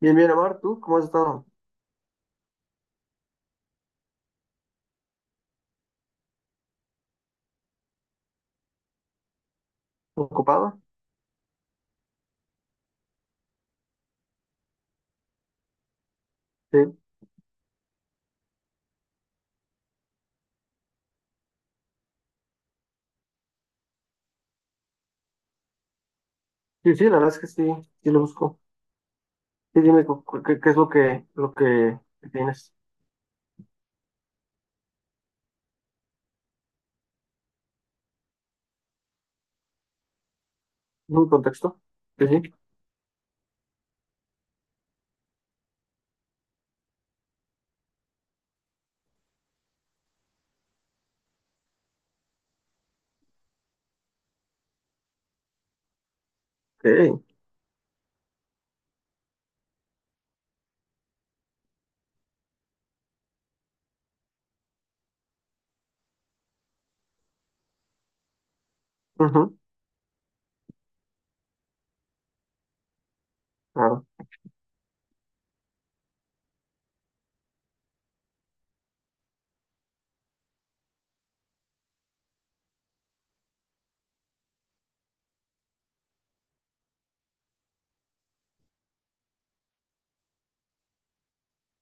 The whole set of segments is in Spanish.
Bien, bien, Amar, ¿tú cómo has estado? ¿Ocupado? Sí, sí, sí, la verdad es que sí, sí lo busco. Sí, dime qué, qué es lo que tienes. ¿Un contexto? Sí, sí. Ok. Ujú, claro,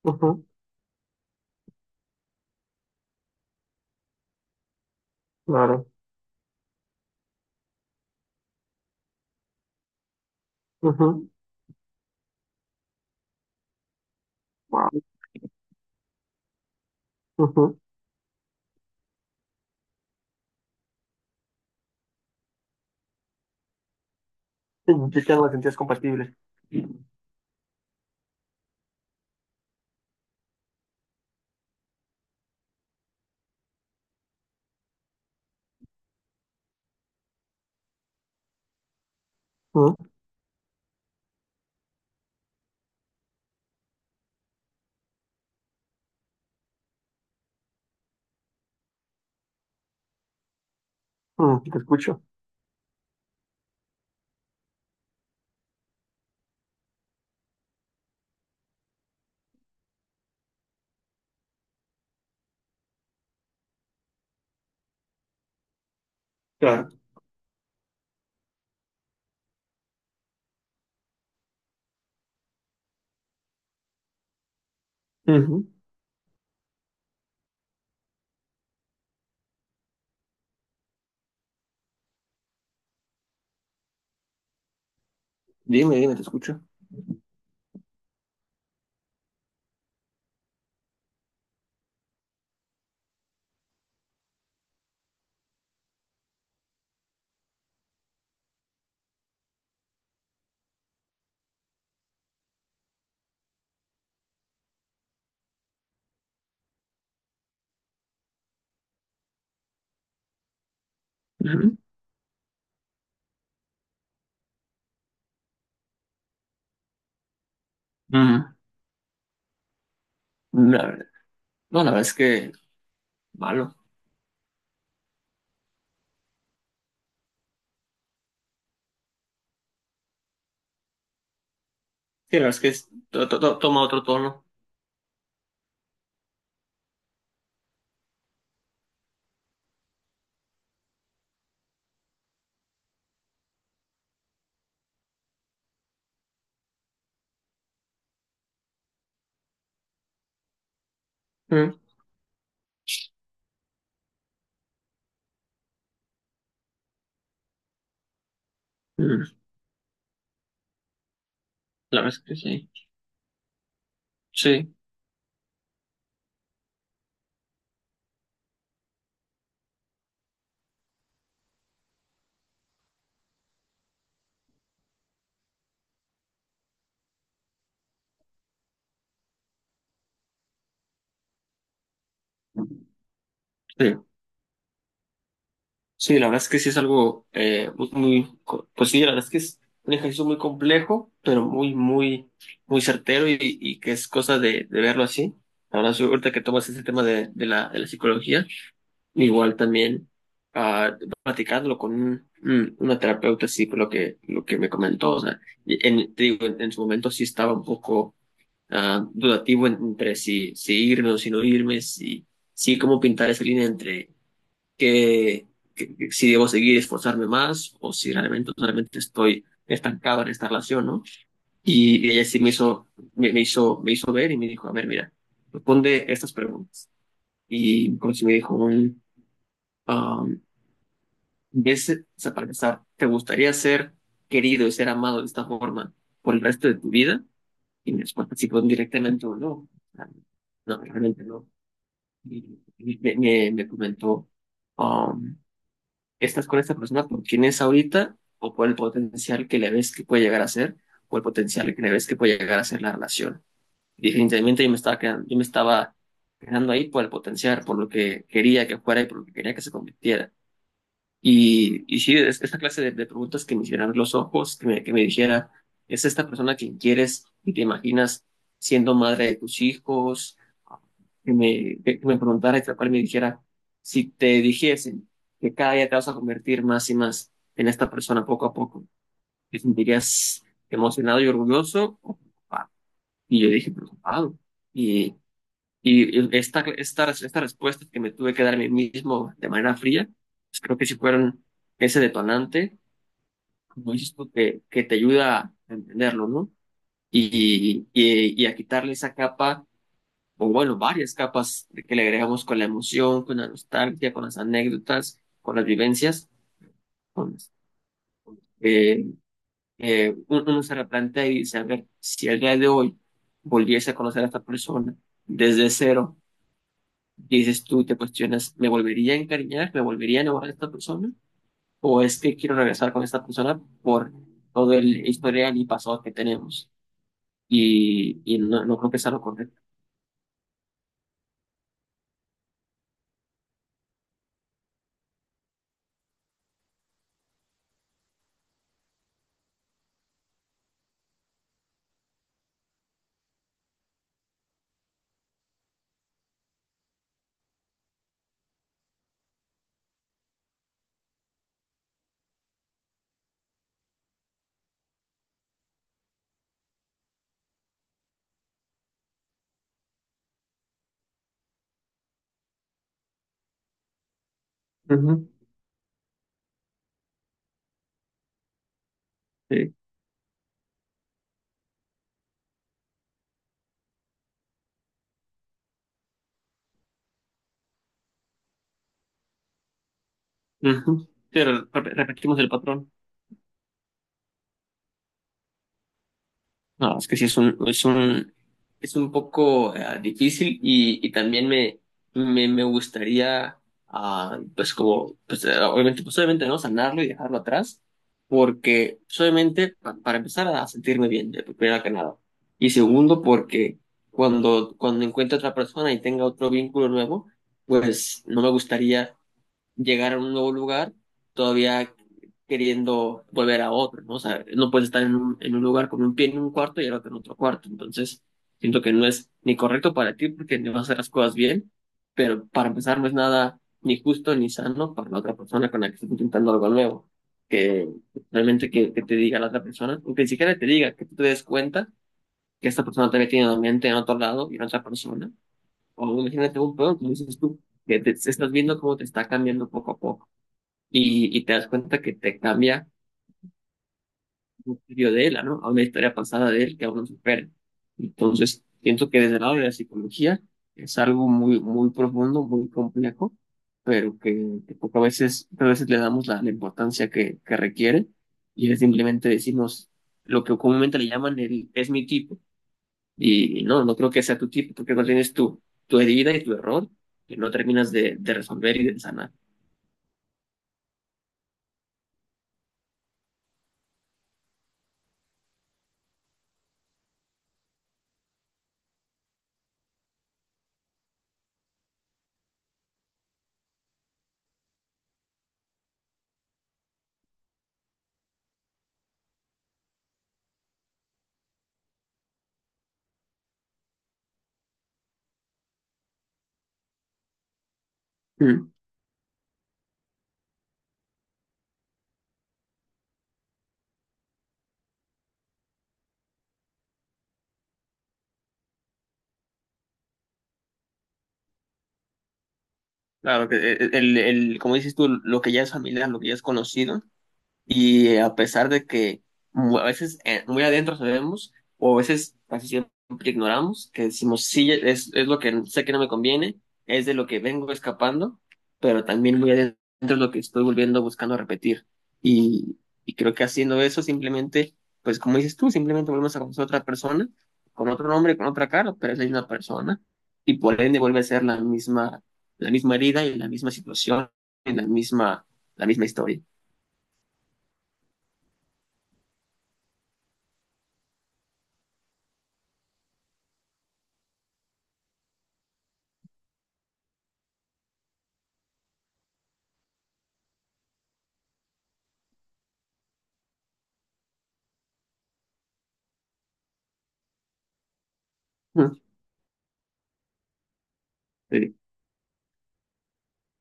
ujú, claro, ujú. Wow. Ujú. Sí, ya no las sentías compatibles. Ujú, ujú, te escucho. Claro. Ujú. Dime, dime, te escucho. Ujú. Ujú. La verdad- no, la verdad es que malo. Sí, la verdad es que toma otro tono. Ujú. Ujú. La verdad es que sí. Sí, sí. Sí, la verdad es que sí es algo muy, pues sí, la verdad es que es un ejercicio muy complejo, pero muy, muy, muy certero y que es cosa de verlo así. La verdad, sí, ahorita que tomas ese tema de la psicología, igual también ah, platicándolo con una terapeuta, sí, por lo que me comentó, o sea, y en, te digo, en su momento sí estaba un poco dudativo entre si, si irme o si no irme, si, si cómo pintar esa línea entre que, que si debo seguir y esforzarme más o si realmente, realmente estoy estancado en esta relación, ¿no? Y ella sí me hizo ver y me dijo, a ver, mira, responde estas preguntas. Y como si me dijo, um, ¿ves, o sea, para empezar, ¿te gustaría ser querido y ser amado de esta forma por el resto de tu vida? Y me respuesta sí fue directamente o no. O sea, no, realmente no. Y me comentó. Estás con esta persona por quien es ahorita o por el potencial que le ves que puede llegar a ser o el potencial que le ves que puede llegar a ser la relación. Y definitivamente yo me estaba quedando, yo me estaba quedando ahí por el potencial, por lo que quería que fuera y por lo que quería que se convirtiera. Y sí, es esta clase de preguntas que me hicieran los ojos, que me dijera, ¿es esta persona que quieres y te imaginas siendo madre de tus hijos? Que me preguntara y tal cual me dijera, si te dijesen que cada día te vas a convertir más y más en esta persona poco a poco, ¿te sentirías emocionado y orgulloso o preocupado? Y yo dije, preocupado. Y esta, estas estas respuestas que me tuve que dar a mí mismo de manera fría, pues creo que sí fueron ese detonante, como dices tú, que te ayuda a entenderlo, ¿no? Y a quitarle esa capa, o bueno, varias capas de que le agregamos con la emoción, con la nostalgia, con las anécdotas, con las vivencias. Con, eh, uno se replantea y dice, a ver, si el día de hoy volviese a conocer a esta persona desde cero, y dices tú, te cuestionas, ¿me volvería a encariñar? ¿Me volvería a enamorar de esta persona? ¿O es que quiero regresar con esta persona por todo el historial y pasado que tenemos? Y no, no creo que sea lo correcto. Ujú, sí. Ujú. Pero repetimos el patrón. No, es que sí es un, es un, es un poco difícil y también me gustaría, pues como, pues obviamente, pues obviamente no sanarlo y dejarlo atrás, porque pues, obviamente para empezar a sentirme bien, de primero que nada. Y segundo, porque cuando, cuando encuentre otra persona y tenga otro vínculo nuevo, pues no me gustaría llegar a un nuevo lugar todavía queriendo volver a otro, ¿no? O sea, no puedes estar en un lugar con un pie en un cuarto y el otro en otro cuarto. Entonces, siento que no es ni correcto para ti porque no vas a hacer las cosas bien, pero para empezar no es nada ni justo ni sano para la otra persona con la que estás intentando algo nuevo. Que realmente que te diga la otra persona, o que ni siquiera te diga, que tú te des cuenta que esta persona también tiene la mente en otro lado y en otra persona. O imagínate un pedo, como dices tú, que te estás viendo cómo te está cambiando poco a poco y te das cuenta que te cambia un estudio de él, ¿no? A una historia pasada de él que aún no supera. Entonces, pienso que desde el lado de la psicología es algo muy, muy profundo, muy complejo, pero que poco a veces le damos la, la importancia que requiere y es simplemente decirnos lo que comúnmente le llaman el es mi tipo. Y no, no creo que sea tu tipo, porque no tienes tu, tu herida y tu error que no terminas de resolver y de sanar. Mm. Claro, que el, como dices tú, lo que ya es familiar, lo que ya es conocido, y a pesar de que a veces muy adentro sabemos, o a veces casi siempre ignoramos, que decimos, sí, es lo que sé que no me conviene, es de lo que vengo escapando, pero también muy adentro es lo que estoy volviendo buscando repetir. Y, y creo que haciendo eso simplemente, pues como dices tú, simplemente volvemos a conocer a otra persona, con otro nombre, con otra cara, pero es la misma persona. Y por ende vuelve a ser la misma herida y la misma situación y la misma historia. Mm.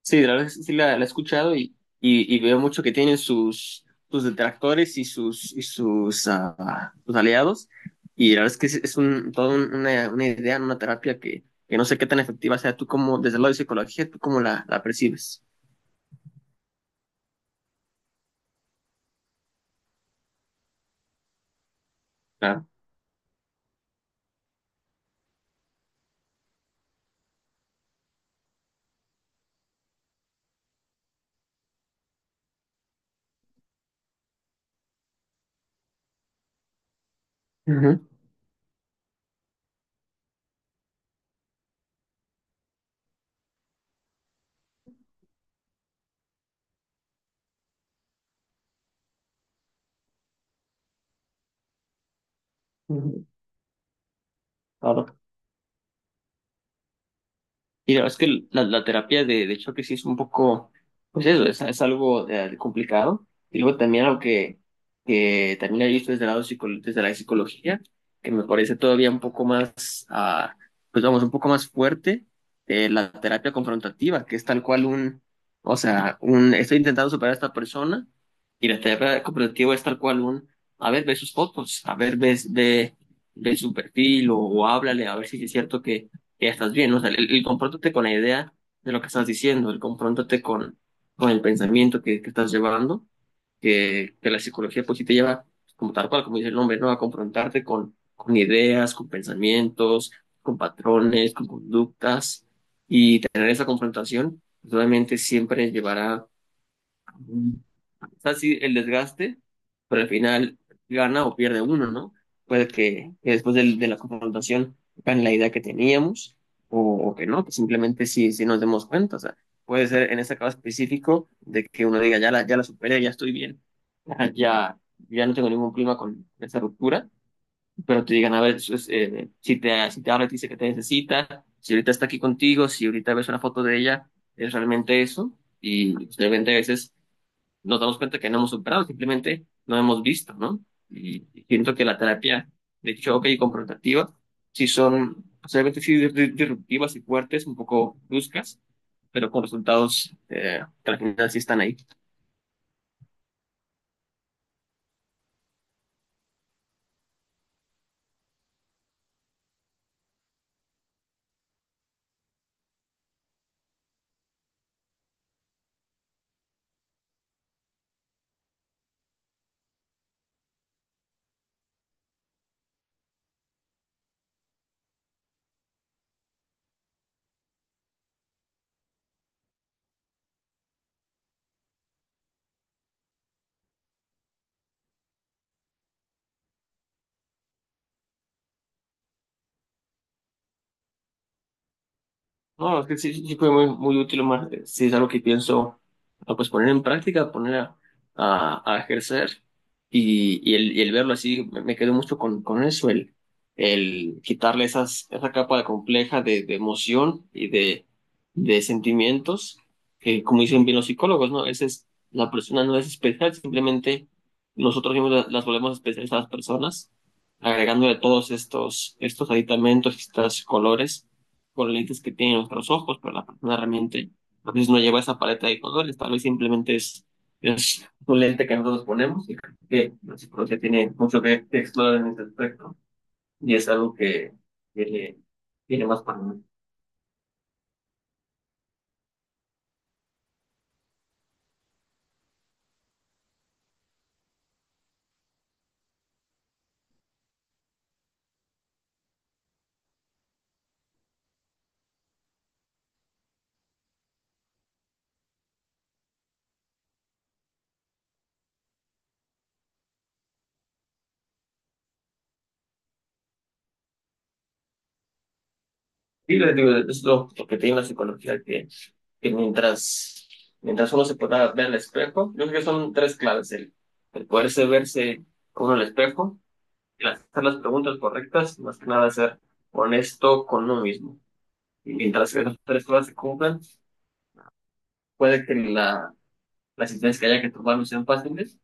Sí, la verdad es que sí la he escuchado y veo mucho que tienen sus, sus detractores y sus, sus aliados. Y la verdad es que es un, toda una idea, una terapia que no sé qué tan efectiva sea. Tú como, desde el lado de psicología, tú cómo la, la percibes. Claro. Ujú, ujú. Ahora, y la verdad es que la terapia de choque sí es un poco, pues eso, es algo complicado. Y luego también algo que también he visto desde el lado desde la psicología, que me parece todavía un poco más, pues vamos, un poco más fuerte, la terapia confrontativa, que es tal cual un, o sea, un, estoy intentando superar a esta persona, y la terapia confrontativa es tal cual un, a ver, ve sus fotos, a ver, ve, ve, ve su perfil, o háblale, a ver si es cierto que ya estás bien. O sea, el confróntate con la idea de lo que estás diciendo, el confróntate con el pensamiento que estás llevando, que la psicología pues sí te lleva, pues, como tal cual, como dice el nombre, ¿no? A confrontarte con ideas, con pensamientos, con patrones, con conductas, y tener esa confrontación, pues, obviamente siempre llevará o sea, sí, el desgaste, pero al final gana o pierde uno, ¿no? Puede que de, la confrontación gane la idea que teníamos o, o que no, que simplemente sí, sí nos demos cuenta. O sea, puede ser en este caso específico de que uno diga, ya la, ya la superé, ya estoy bien, ya, ya no tengo ningún problema con esa ruptura, pero te digan, a ver, eso es, si te, si te habla, te dice que te necesita, si ahorita está aquí contigo, si ahorita ves una foto de ella, es realmente eso. Y pues, realmente a veces nos damos cuenta que no hemos superado, simplemente no hemos visto, ¿no? Y siento que la terapia de choque y confrontativa sí son, posiblemente sí disruptivas y fuertes, un poco bruscas, pero con resultados que al final sí están ahí. No, es que sí, sí sí fue muy, muy útil, Omar. Sí es algo que pienso pues poner en práctica, poner a ejercer y el verlo así, me quedo mucho con eso, el quitarle esas, esa capa de compleja de emoción y de sentimientos, que como dicen bien los psicólogos, ¿no? Esa es, la persona no es especial, simplemente nosotros mismos las volvemos especiales a las personas, agregándole todos estos, estos aditamentos, estos colores con lentes que tienen nuestros ojos, pero la persona realmente a veces no lleva esa paleta de colores, tal vez simplemente es un lente que nosotros ponemos y creo que la psicología tiene mucho que explorar en ese aspecto y es algo que tiene, tiene más para mí. Y les digo, es lo que tiene la psicología, que mientras, mientras uno se pueda ver al espejo, yo creo que son tres claves, el poderse verse con uno al espejo, el hacer las preguntas correctas, más que nada ser honesto con uno mismo. Y mientras esas tres cosas se cumplan, puede que la, las decisiones que haya que tomar no sean fáciles,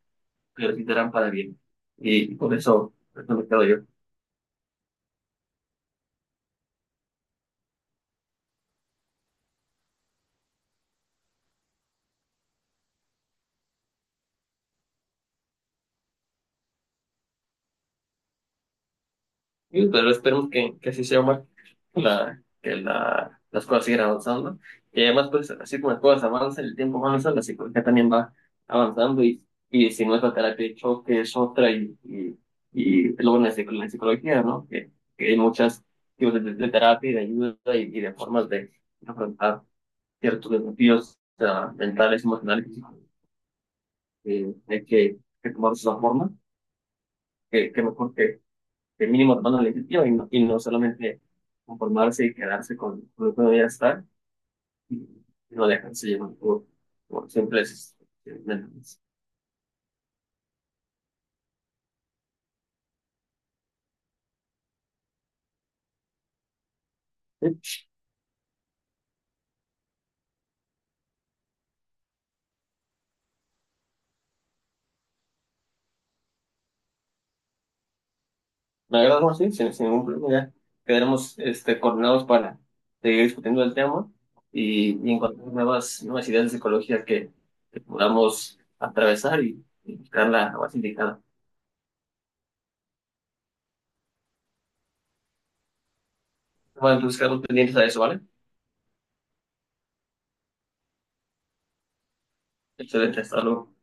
pero sí serán para bien. Y por eso me quedo yo. Y, pero esperemos que así sea, Omar, la, que la, las cosas sigan avanzando. Y además, pues, así como las cosas avanzan, el tiempo avanza, la psicología también va avanzando. Y si no es la terapia de choque, es otra. Y luego en la, la psicología, ¿no? Que hay muchas tipos de terapia y de ayuda y de formas de afrontar ciertos desafíos o mentales, emocionales, físicos, hay que tomarlos de esa forma, que mejor que mínimo tomando la iniciativa y no solamente conformarse y quedarse con lo que uno ya está y no dejarse llevar por simples mentes. Sí, me agrada más, sí, sin, sin ningún problema, ya quedaremos este, coordinados para seguir discutiendo el tema y encontrar nuevas, nuevas ideas de psicología que podamos atravesar y buscar la base indicada. Bueno, entonces quedamos pendientes a eso, ¿vale? Excelente, hasta luego.